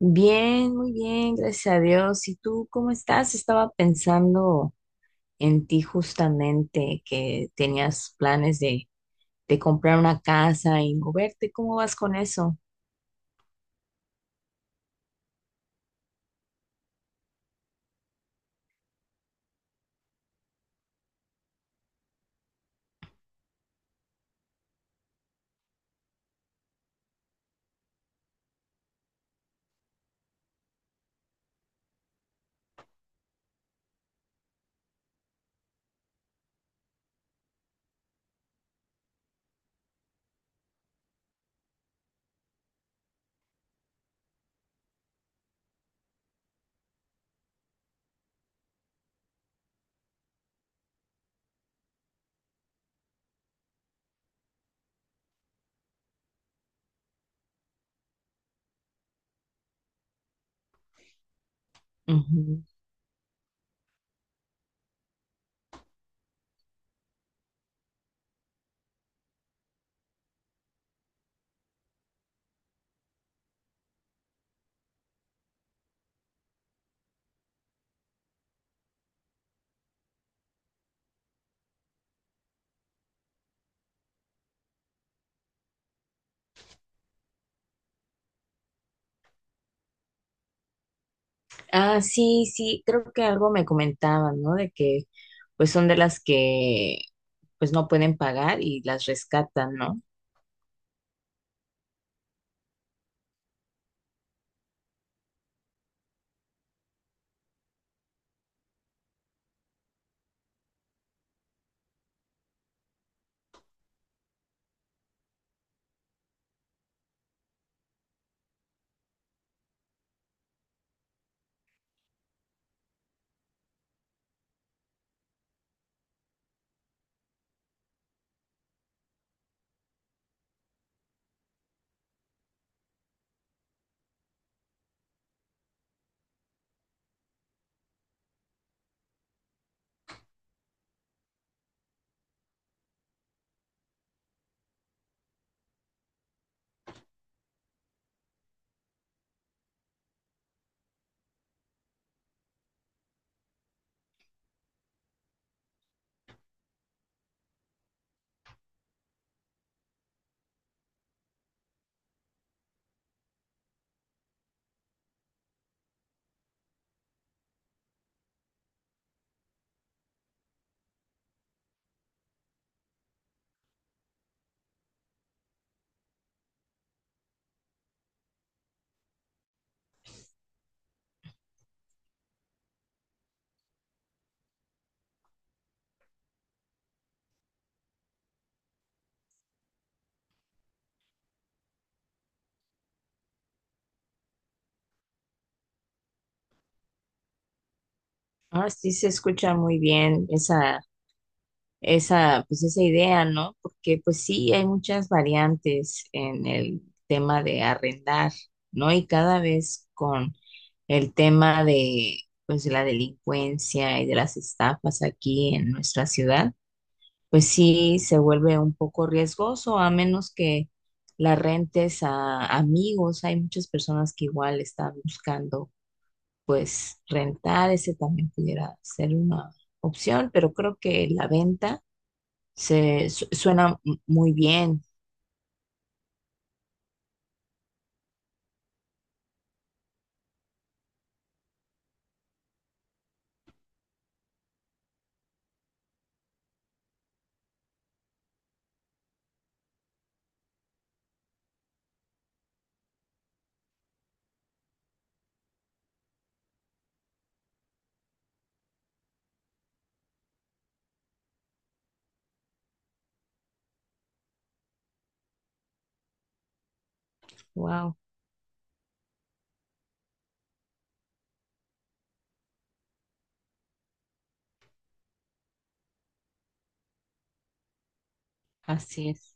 Bien, muy bien, gracias a Dios. ¿Y tú cómo estás? Estaba pensando en ti justamente, que tenías planes de comprar una casa y moverte. ¿Cómo vas con eso? Ujú. Ah, sí, sí, creo que algo me comentaban, ¿no? De que pues son de las que pues no pueden pagar y las rescatan, ¿no? Ah, sí, se escucha muy bien esa. Esa, pues esa idea, ¿no? Porque pues sí, hay muchas variantes en el tema de arrendar, ¿no? Y cada vez con el tema de, pues, de la delincuencia y de las estafas aquí en nuestra ciudad, pues sí se vuelve un poco riesgoso, a menos que la rentes a amigos. Hay muchas personas que igual están buscando, pues, rentar. Ese también pudiera ser una opción, pero creo que la venta muy bien. Wow. Así es.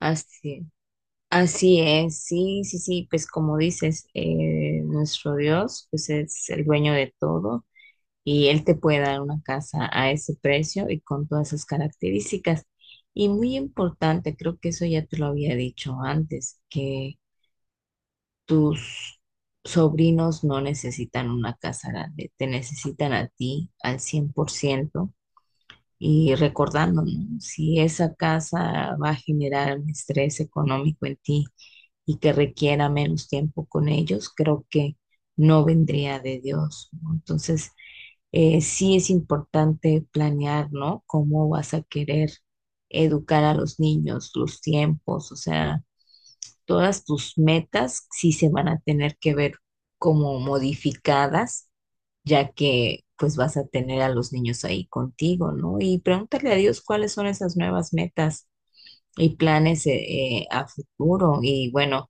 Así, así es. Sí, sí, sí. Pues como dices, nuestro Dios, pues es el dueño de todo y Él te puede dar una casa a ese precio y con todas esas características. Y muy importante, creo que eso ya te lo había dicho antes, que tus sobrinos no necesitan una casa grande, te necesitan a ti al 100%. Y recordando, ¿no? Si esa casa va a generar un estrés económico en ti y que requiera menos tiempo con ellos, creo que no vendría de Dios, ¿no? Entonces, sí es importante planear, ¿no? Cómo vas a querer educar a los niños, los tiempos, o sea, todas tus metas sí se van a tener que ver como modificadas ya que pues vas a tener a los niños ahí contigo, ¿no? Y pregúntale a Dios cuáles son esas nuevas metas y planes a futuro. Y bueno,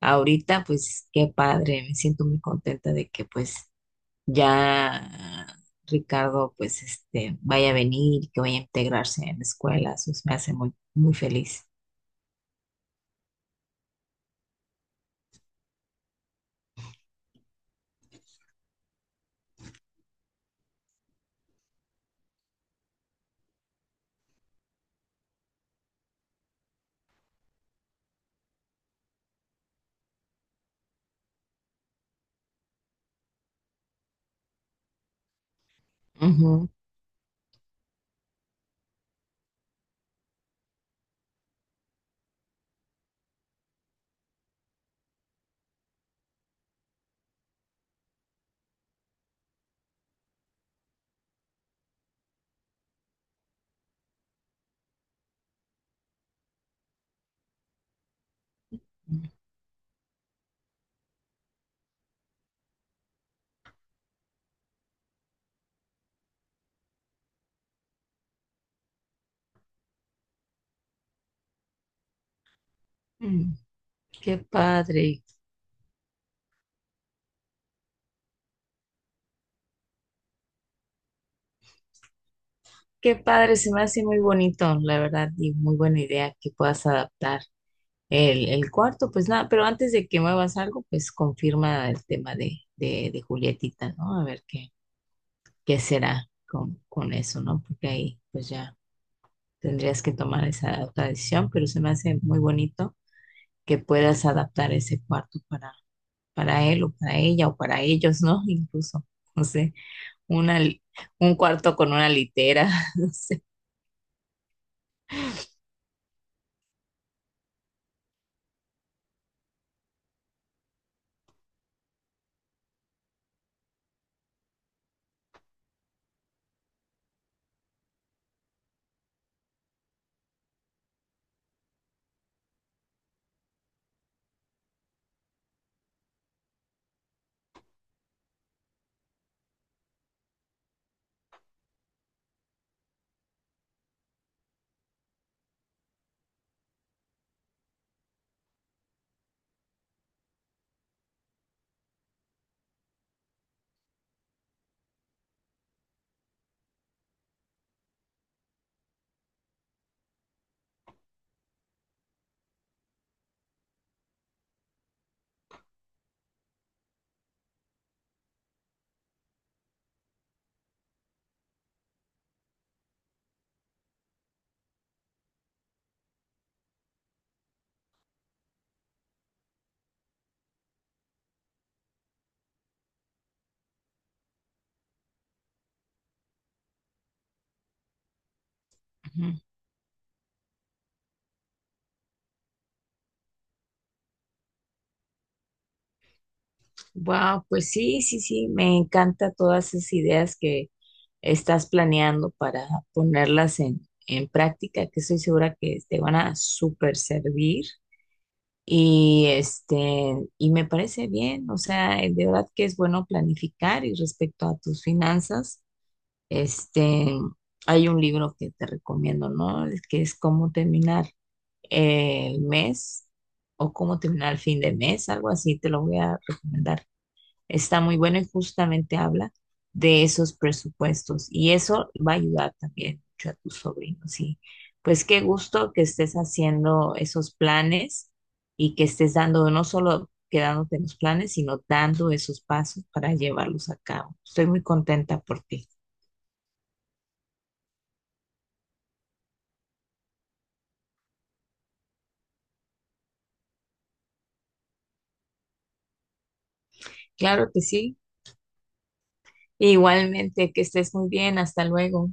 ahorita pues qué padre, me siento muy contenta de que pues ya Ricardo pues este vaya a venir, que vaya a integrarse en la escuela, eso me hace muy, muy feliz. Ujú. Mm, qué padre, qué padre, se me hace muy bonito, la verdad, y muy buena idea que puedas adaptar. El cuarto, pues nada, pero antes de que muevas algo, pues confirma el tema de Julietita, ¿no? A ver qué, qué será con eso, ¿no? Porque ahí pues ya tendrías que tomar esa otra decisión, pero se me hace muy bonito que puedas adaptar ese cuarto para él o para ella o para ellos, ¿no? Incluso, no sé, una, un cuarto con una litera, no sé. Wow, pues sí, sí, sí, me encanta todas esas ideas que estás planeando para ponerlas en práctica, que estoy segura que te van a súper servir. Y este, y me parece bien, o sea, de verdad que es bueno planificar y respecto a tus finanzas, este, hay un libro que te recomiendo, ¿no? El que es cómo terminar el mes o cómo terminar el fin de mes, algo así, te lo voy a recomendar. Está muy bueno y justamente habla de esos presupuestos y eso va a ayudar también mucho a tus sobrinos. Y pues qué gusto que estés haciendo esos planes y que estés dando, no solo quedándote en los planes, sino dando esos pasos para llevarlos a cabo. Estoy muy contenta por ti. Claro que sí. Igualmente, que estés muy bien. Hasta luego.